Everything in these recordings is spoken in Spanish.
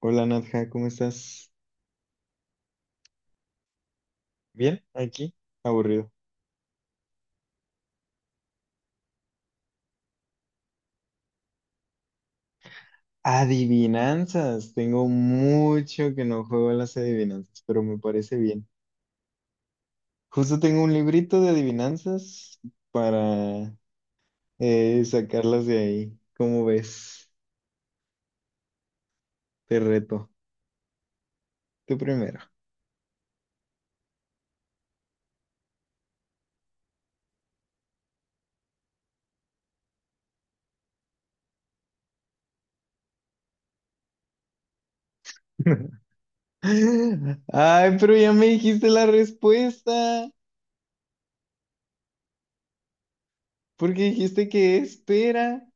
Hola Nadja, ¿cómo estás? ¿Bien? ¿Aquí? Aburrido. Adivinanzas. Tengo mucho que no juego a las adivinanzas, pero me parece bien. Justo tengo un librito de adivinanzas para sacarlas de ahí. ¿Cómo ves? Te reto. Tú primero. Ay, pero ya me dijiste la respuesta. Porque dijiste que espera,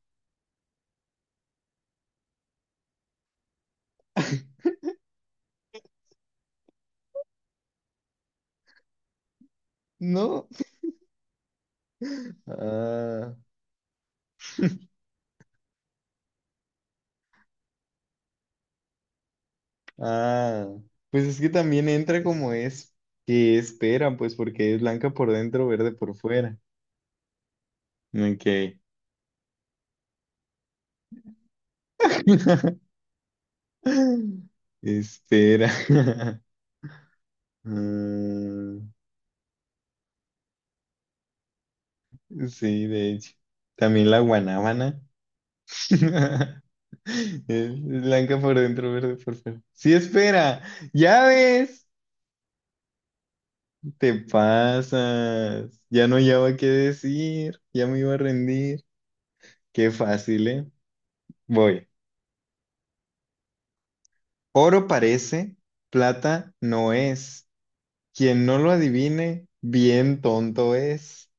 ¿no? Ah. Ah, pues es que también entra como es que espera, pues porque es blanca por dentro, verde por fuera. Ok. Espera. Mm, sí, de hecho. También la guanábana. Es blanca por dentro, verde por fuera. Sí, espera. Ya ves. Te pasas. Ya no llevaba qué decir. Ya me iba a rendir. Qué fácil, ¿eh? Voy. Oro parece, plata no es. Quien no lo adivine, bien tonto es.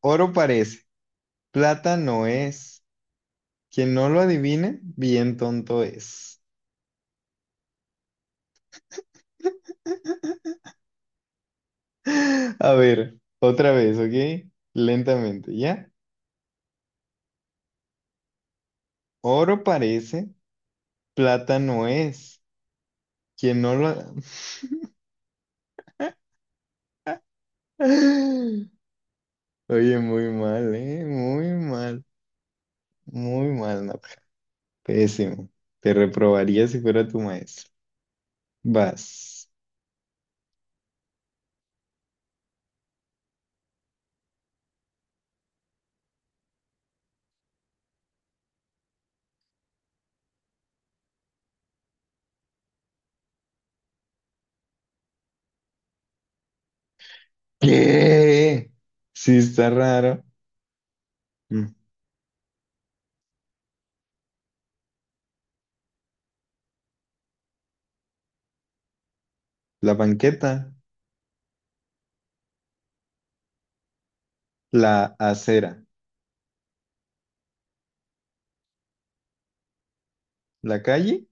Oro parece, plata no es. Quien no lo adivine, bien tonto es. A ver, otra vez, ¿ok? Lentamente, ¿ya? Oro parece, plata no es. Quien no lo... Oye, muy mal, ¿eh? Muy mal, no. Pésimo. Te reprobaría si fuera tu maestro. Vas. ¿Qué? Sí, está raro. Mm, la banqueta, la acera, la calle,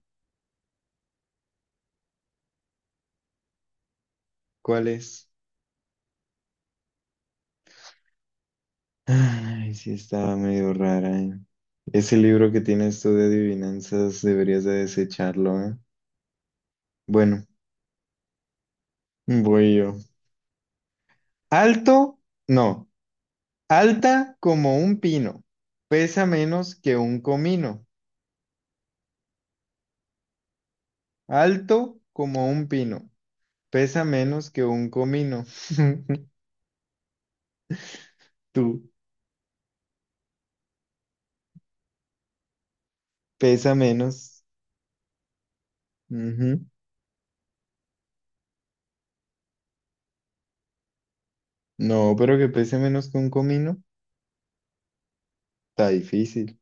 ¿cuál es? Ay, sí, estaba medio rara, ¿eh? Ese libro que tienes tú de adivinanzas deberías de desecharlo, ¿eh? Bueno, voy yo. Alto, no, alta como un pino, pesa menos que un comino. Alto como un pino, pesa menos que un comino. Tú, pesa menos. Ujú. No, pero que pese menos que un comino, está difícil.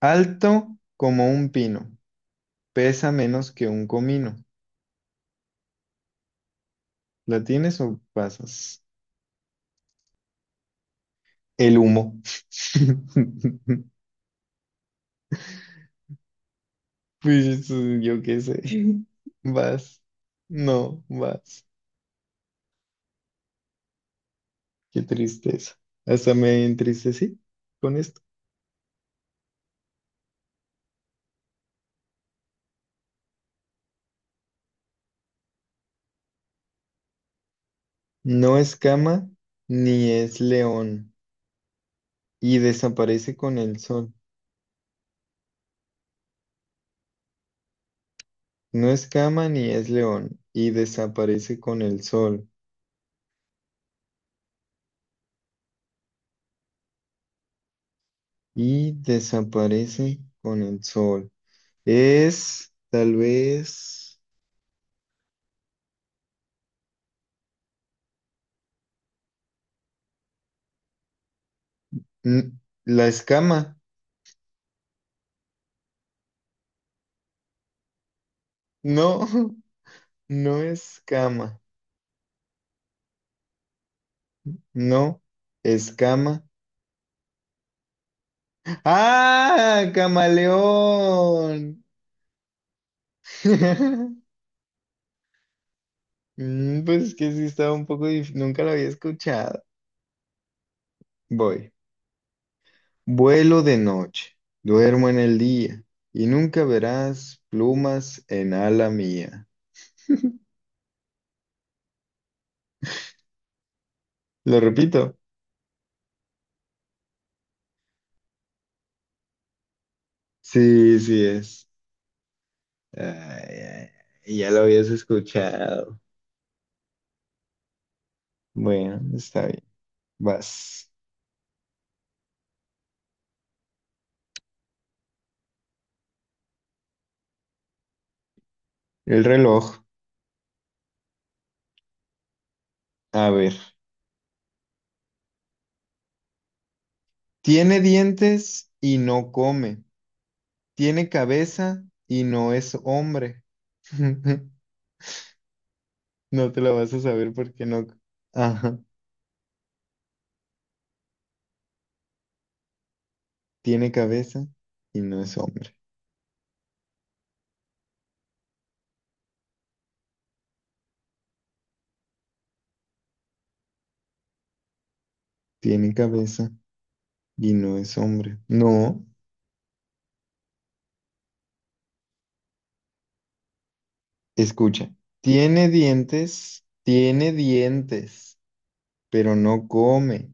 Alto como un pino, pesa menos que un comino. ¿La tienes o pasas? El humo. Pues eso, yo qué sé. Vas. No, vas. Qué tristeza. Hasta me entristecí con esto. No es cama ni es león y desaparece con el sol. No es cama ni es león y desaparece con el sol. Y desaparece con el sol. Es tal vez n- la escama. No, no es cama. No, escama. ¡Ah! Camaleón. Mm, pues es que sí estaba un poco difícil, nunca lo había escuchado. Voy. Vuelo de noche, duermo en el día y nunca verás plumas en ala mía. Lo repito. Sí, sí es. Ay, ay, ya lo habías escuchado. Bueno, está bien. Vas. El reloj. A ver. Tiene dientes y no come. Tiene cabeza y no es hombre. No te lo vas a saber porque no. Ajá. Tiene cabeza y no es hombre. Tiene cabeza y no es hombre. No. Escucha. Tiene dientes, pero no come.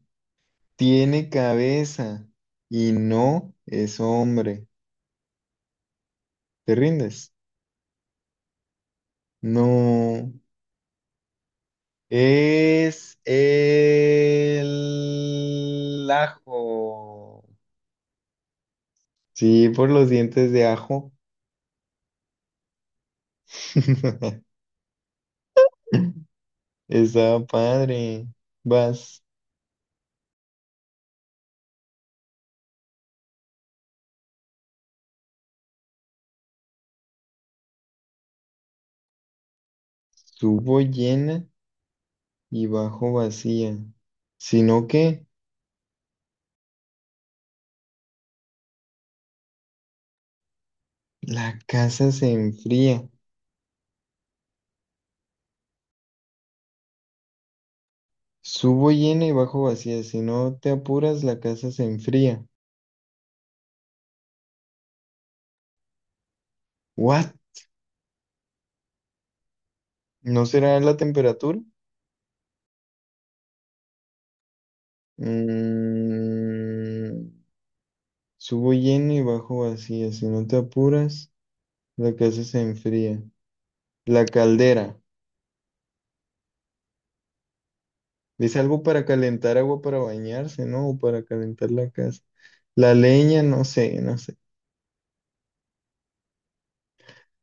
Tiene cabeza y no es hombre. ¿Te rindes? No. Es el ajo. Sí, por los dientes de ajo. Estaba padre. Vas, subo llena y bajo vacía. Sino que la casa se enfría. Subo llena y bajo vacía. Si no te apuras, la casa se enfría. ¿What? ¿No será la temperatura? Mm, subo lleno y bajo vacía. Si no te apuras, la casa se enfría. La caldera. Es algo para calentar agua para bañarse, ¿no? O para calentar la casa. La leña, no sé, no sé.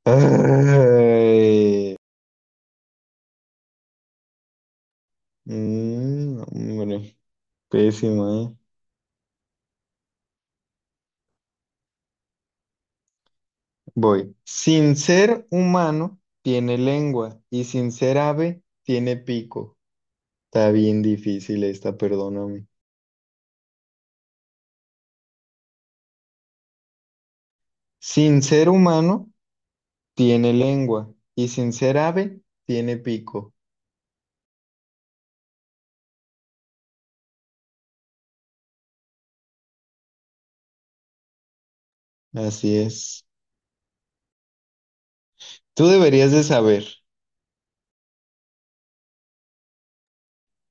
Ay. Mm, no, hombre, pésimo, ¿eh? Voy. Sin ser humano, tiene lengua. Y sin ser ave, tiene pico. Está bien difícil esta, perdóname. Sin ser humano, tiene lengua y sin ser ave, tiene pico. Así es. Tú deberías de saber.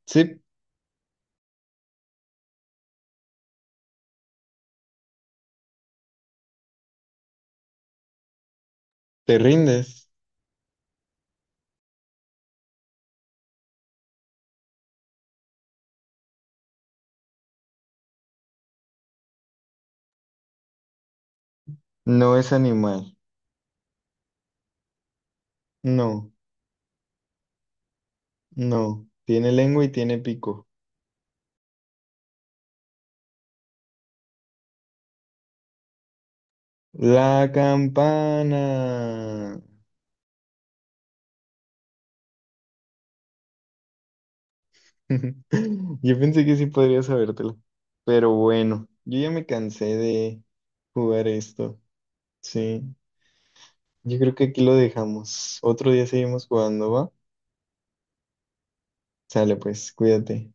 Sí, te rindes. No es animal. No, no. Tiene lengua y tiene pico. La campana. Yo pensé que sí podría sabértelo. Pero bueno, yo ya me cansé de jugar esto. Sí, yo creo que aquí lo dejamos. Otro día seguimos jugando, ¿va? Sale pues, cuídate.